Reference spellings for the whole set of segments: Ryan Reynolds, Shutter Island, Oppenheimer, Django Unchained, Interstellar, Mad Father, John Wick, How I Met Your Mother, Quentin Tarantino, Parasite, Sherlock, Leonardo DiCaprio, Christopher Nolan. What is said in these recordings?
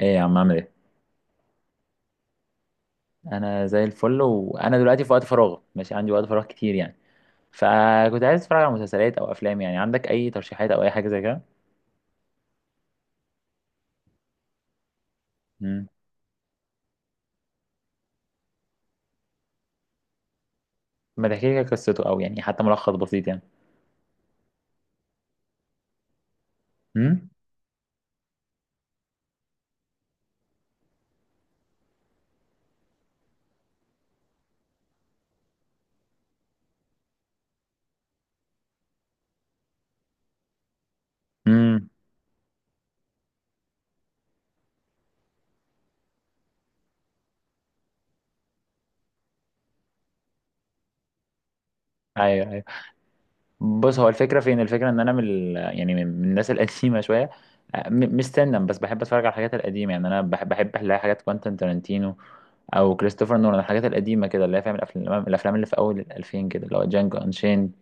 ايه يا عم، عامل ايه؟ انا زي الفل، وانا دلوقتي في وقت فراغ، ماشي، عندي وقت فراغ كتير يعني. فكنت عايز اتفرج على مسلسلات او افلام. يعني عندك اي ترشيحات او اي حاجه زي كده؟ امم ما تحكي لي كده قصته، او يعني حتى ملخص بسيط يعني. امم، امم. ايوه، ايوه. بص، هو الفكره، فين الفكره ان انا يعني من الناس القديمه شويه. مش سنا، بس بحب اتفرج على الحاجات القديمه يعني، انا بحب الاقي حاجات كوانتين تارانتينو او كريستوفر نولان، الحاجات القديمه كده اللي هي فاهم، الافلام اللي في اول الألفين كده، اللي هو جانجو انشين،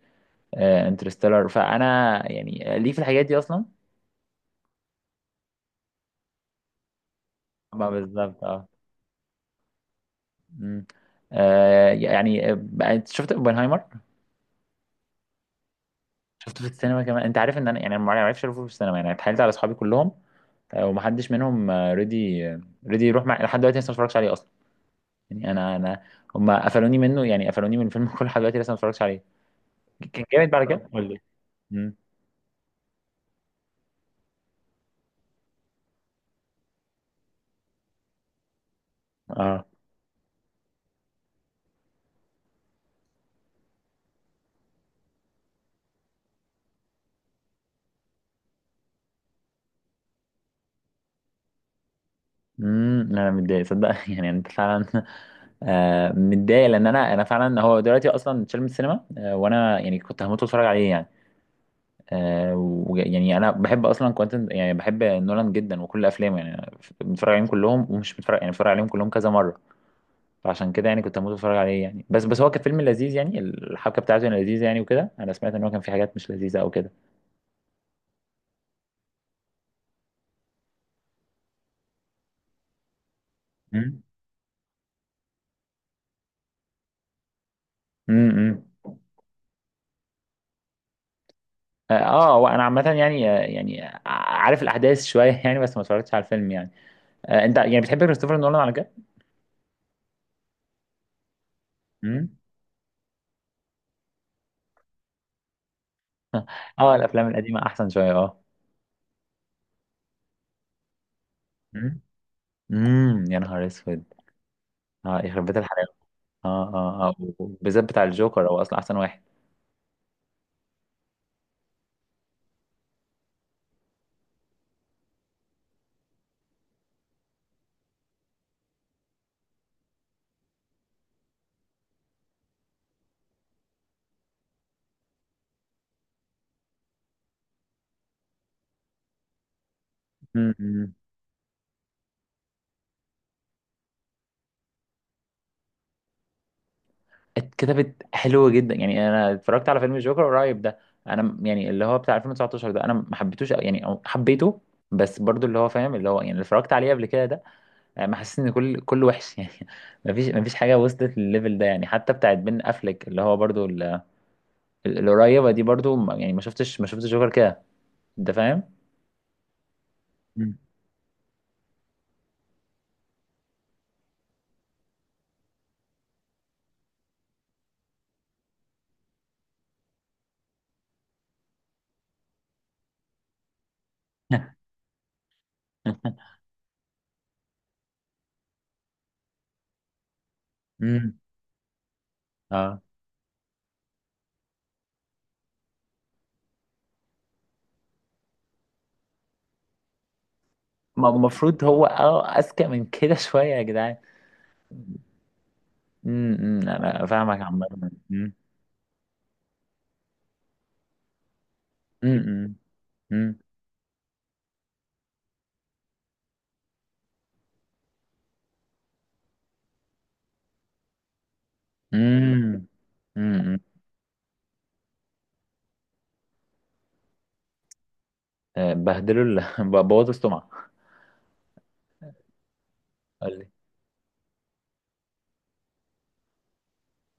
انترستيلر. فانا يعني ليه في الحاجات دي اصلا. ما اه، بالظبط اه. مم. يعني انت شفت اوبنهايمر؟ شفته في السينما كمان. انت عارف ان انا يعني أنا ما عرفش اشوفه في السينما يعني، اتحايلت على اصحابي كلهم. ومحدش منهم ريدي يروح مع، لحد دلوقتي لسه ما اتفرجش عليه اصلا. يعني انا هم قفلوني منه، يعني قفلوني من الفيلم كله لحد دلوقتي لسه ما اتفرجش عليه. كان جامد؟ بعد كده قول لي. مم. اه. امم، انا متضايق صدق يعني انت فعلا. آه متضايق، لان انا فعلا، هو دلوقتي اصلا اتشال من السينما، وانا يعني كنت هموت واتفرج عليه يعني. يعني انا بحب اصلا كوانتن، يعني بحب نولان جدا وكل افلامه يعني، أنا بتفرج عليهم كلهم، ومش بتفرج، يعني بتفرج عليهم كلهم كذا مره. فعشان كده يعني كنت هموت واتفرج عليه يعني. بس هو كان فيلم لذيذ يعني، الحبكه بتاعته كانت لذيذه يعني، وكده انا سمعت ان هو كان في حاجات مش لذيذه او كده. مم. امم. اه. وانا عامه يعني، يعني عارف الاحداث شويه يعني، بس ما اتفرجتش على الفيلم يعني. انت يعني بتحب كريستوفر نولان على كده. اه، الافلام القديمه احسن شويه اه. امم. يا نهار اسود! اه، يخرب بيت الحلاوه! اه، اه، اه. بالذات بتاع الجوكر هو اصلا احسن واحد. امم. اتكتبت حلو جدا يعني. انا اتفرجت على فيلم الجوكر قريب ده، انا يعني اللي هو بتاع 2019 ده، انا ما حبيتوش أوي، يعني أو حبيته، بس برضو اللي هو فاهم اللي هو يعني اللي اتفرجت عليه قبل كده ده، ما حسيت ان كل وحش يعني. ما فيش حاجه وصلت للليفل ده يعني، حتى بتاعت بين افلك اللي هو برضو القريبه دي برضو، يعني ما شفتش جوكر كده، انت فاهم. امم، اه. ما هو المفروض هو اه، اذكى من كده شويه يا جدعان. امم، انا فاهمك عامه. امم، امم، امم، امم، امم. بهدلوا بوظوا السمعه. قال لي.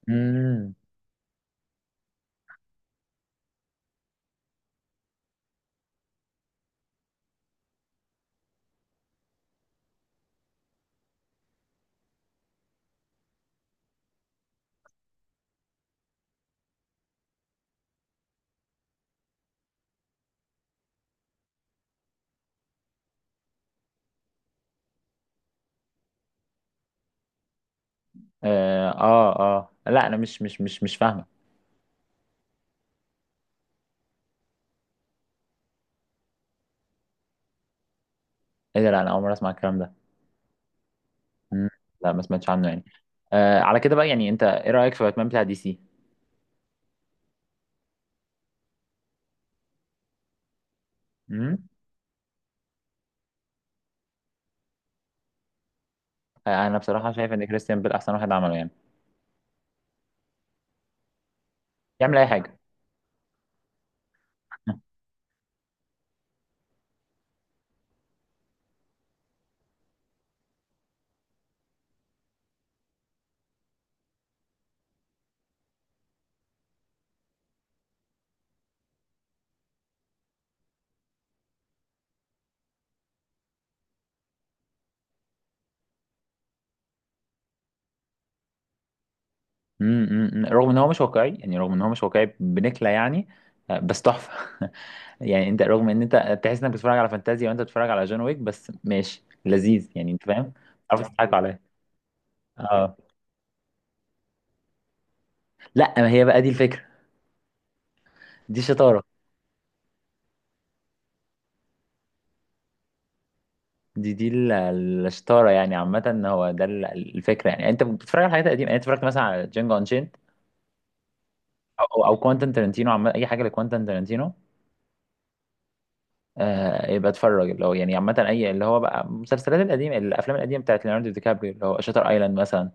امم، اه، اه، لا، انا مش فاهمه. ايه ده؟ لا انا اول مره اسمع الكلام ده. مم. لا ما سمعتش عنه يعني. على كده بقى، يعني انت ايه رايك في باتمان بتاع دي سي؟ امم. انا بصراحه شايف ان كريستيان بيل احسن واحد عمله يعني، يعمل اي حاجه. مم، مم، مم. رغم ان هو مش واقعي يعني، رغم ان هو مش واقعي، بنكله يعني. بس تحفه. يعني انت، رغم ان انت تحس انك بتتفرج على فانتازيا وانت بتتفرج على جون ويك، بس ماشي لذيذ يعني، انت فاهم. عارف تضحك عليا. اه. لا، ما هي بقى دي الفكره. دي شطاره. دي دي ال- الشطاره يعني، عامه هو ده الفكره، يعني انت بتتفرج على حاجات قديمه يعني. أنت اتفرجت مثلا على جينجو انشيند، او كوانتن ترنتينو، عامه اي حاجه لكوانتن ترنتينو. يبقى اتفرج اللي هو يعني عامة، أي اللي هو بقى المسلسلات القديمة الأفلام القديمة بتاعت ليوناردو دي كابريو، اللي هو شاتر أيلاند مثلا.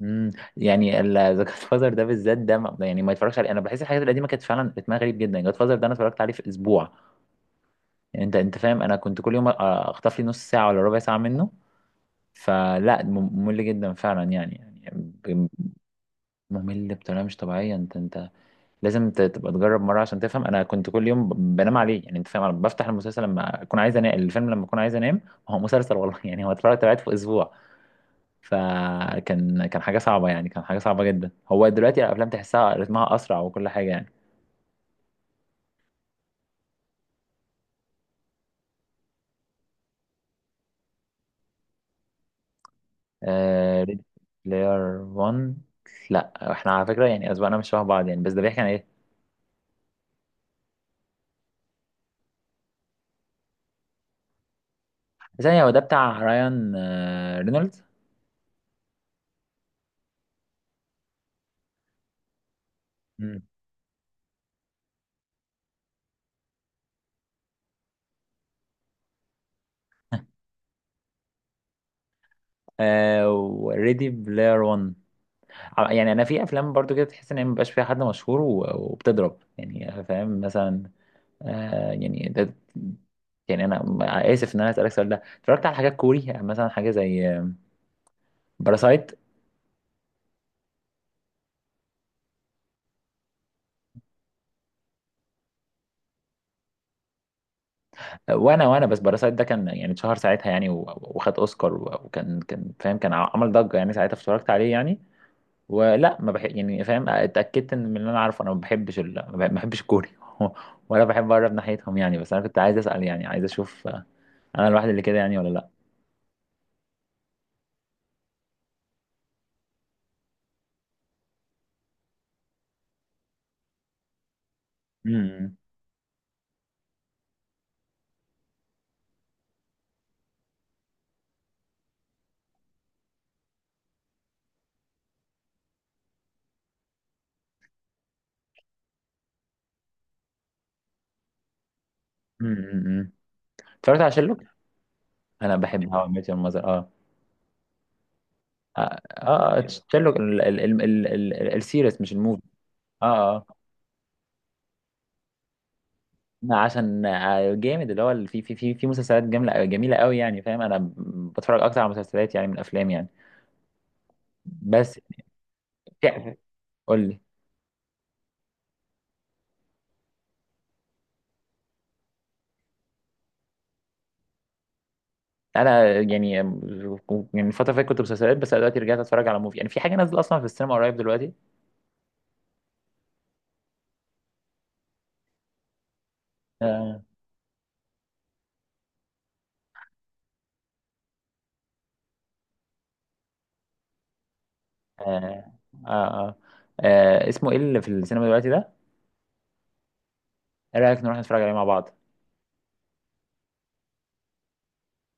مم. يعني ذا جاد فازر ده بالذات ده يعني ما يتفرجش عليه. أنا بحس الحاجات القديمة كانت فعلا رتمها غريب جدا. جاد فازر ده أنا اتفرجت عليه في أسبوع، يعني أنت فاهم، أنا كنت كل يوم أخطف لي نص ساعة ولا ربع ساعة منه. فلا، ممل جدا فعلا يعني يعني. ب- ممل بطريقة مش طبيعية. أنت لازم تبقى تجرب مره عشان تفهم. انا كنت كل يوم بنام عليه يعني، انت فاهم. أنا بفتح المسلسل لما اكون عايز انام، الفيلم لما اكون عايز انام. هو مسلسل والله يعني، هو اتفرجت عليه في اسبوع، فكان كان حاجه صعبه يعني، كان حاجه صعبه جدا. هو دلوقتي الافلام تحسها رتمها اسرع وكل حاجه يعني. آه، بلاير 1. لا، احنا على فكره يعني اذواقنا مش شبه بعض يعني، بس ده بيحكي عن ايه؟ ثانيه، هو ده بتاع رايان رينولدز؟ مم. وريدي بلاير 1. يعني انا في افلام برضو كده تحس ان هي مبقاش فيها حد مشهور وبتضرب يعني، فاهم مثلا. يعني ده، يعني انا اسف ان انا اسالك السؤال ده، اتفرجت على حاجات كوري؟ يعني مثلا حاجه زي باراسايت. وانا بس باراسايت ده كان يعني اتشهر ساعتها يعني، وخد اوسكار، وكان كان فاهم، كان عمل ضجه يعني، ساعتها اتفرجت عليه يعني. ولا ما بحب يعني فاهم. اتاكدت ان، من اللي انا عارفه، انا ما بحبش ال... ما بح- ما بحبش الكوري ولا بحب اقرب ناحيتهم يعني. بس انا كنت عايز اسال يعني، عايز اشوف انا الواحد اللي كده يعني ولا؟ لا. أمم، أمم، أمم. اتفرجت على شيرلوك؟ انا بحب هاو اي ميت يور ماذر اه. اه، شيرلوك السيريس مش الموفي. اه. اه أنا عشان جامد، اللي هو في مسلسلات جميله جميله قوي يعني، فاهم، انا بتفرج اكتر على مسلسلات يعني، من افلام يعني. بس قول لي. انا يعني. الفتره اللي فاتت كنت مسلسلات بس، أنا دلوقتي رجعت اتفرج على موفي يعني. في حاجه نازله اصلا في السينما قريب دلوقتي. آه، آه، آه، آه. اسمه ايه اللي في السينما دلوقتي ده؟ ايه رايك نروح نتفرج عليه مع بعض؟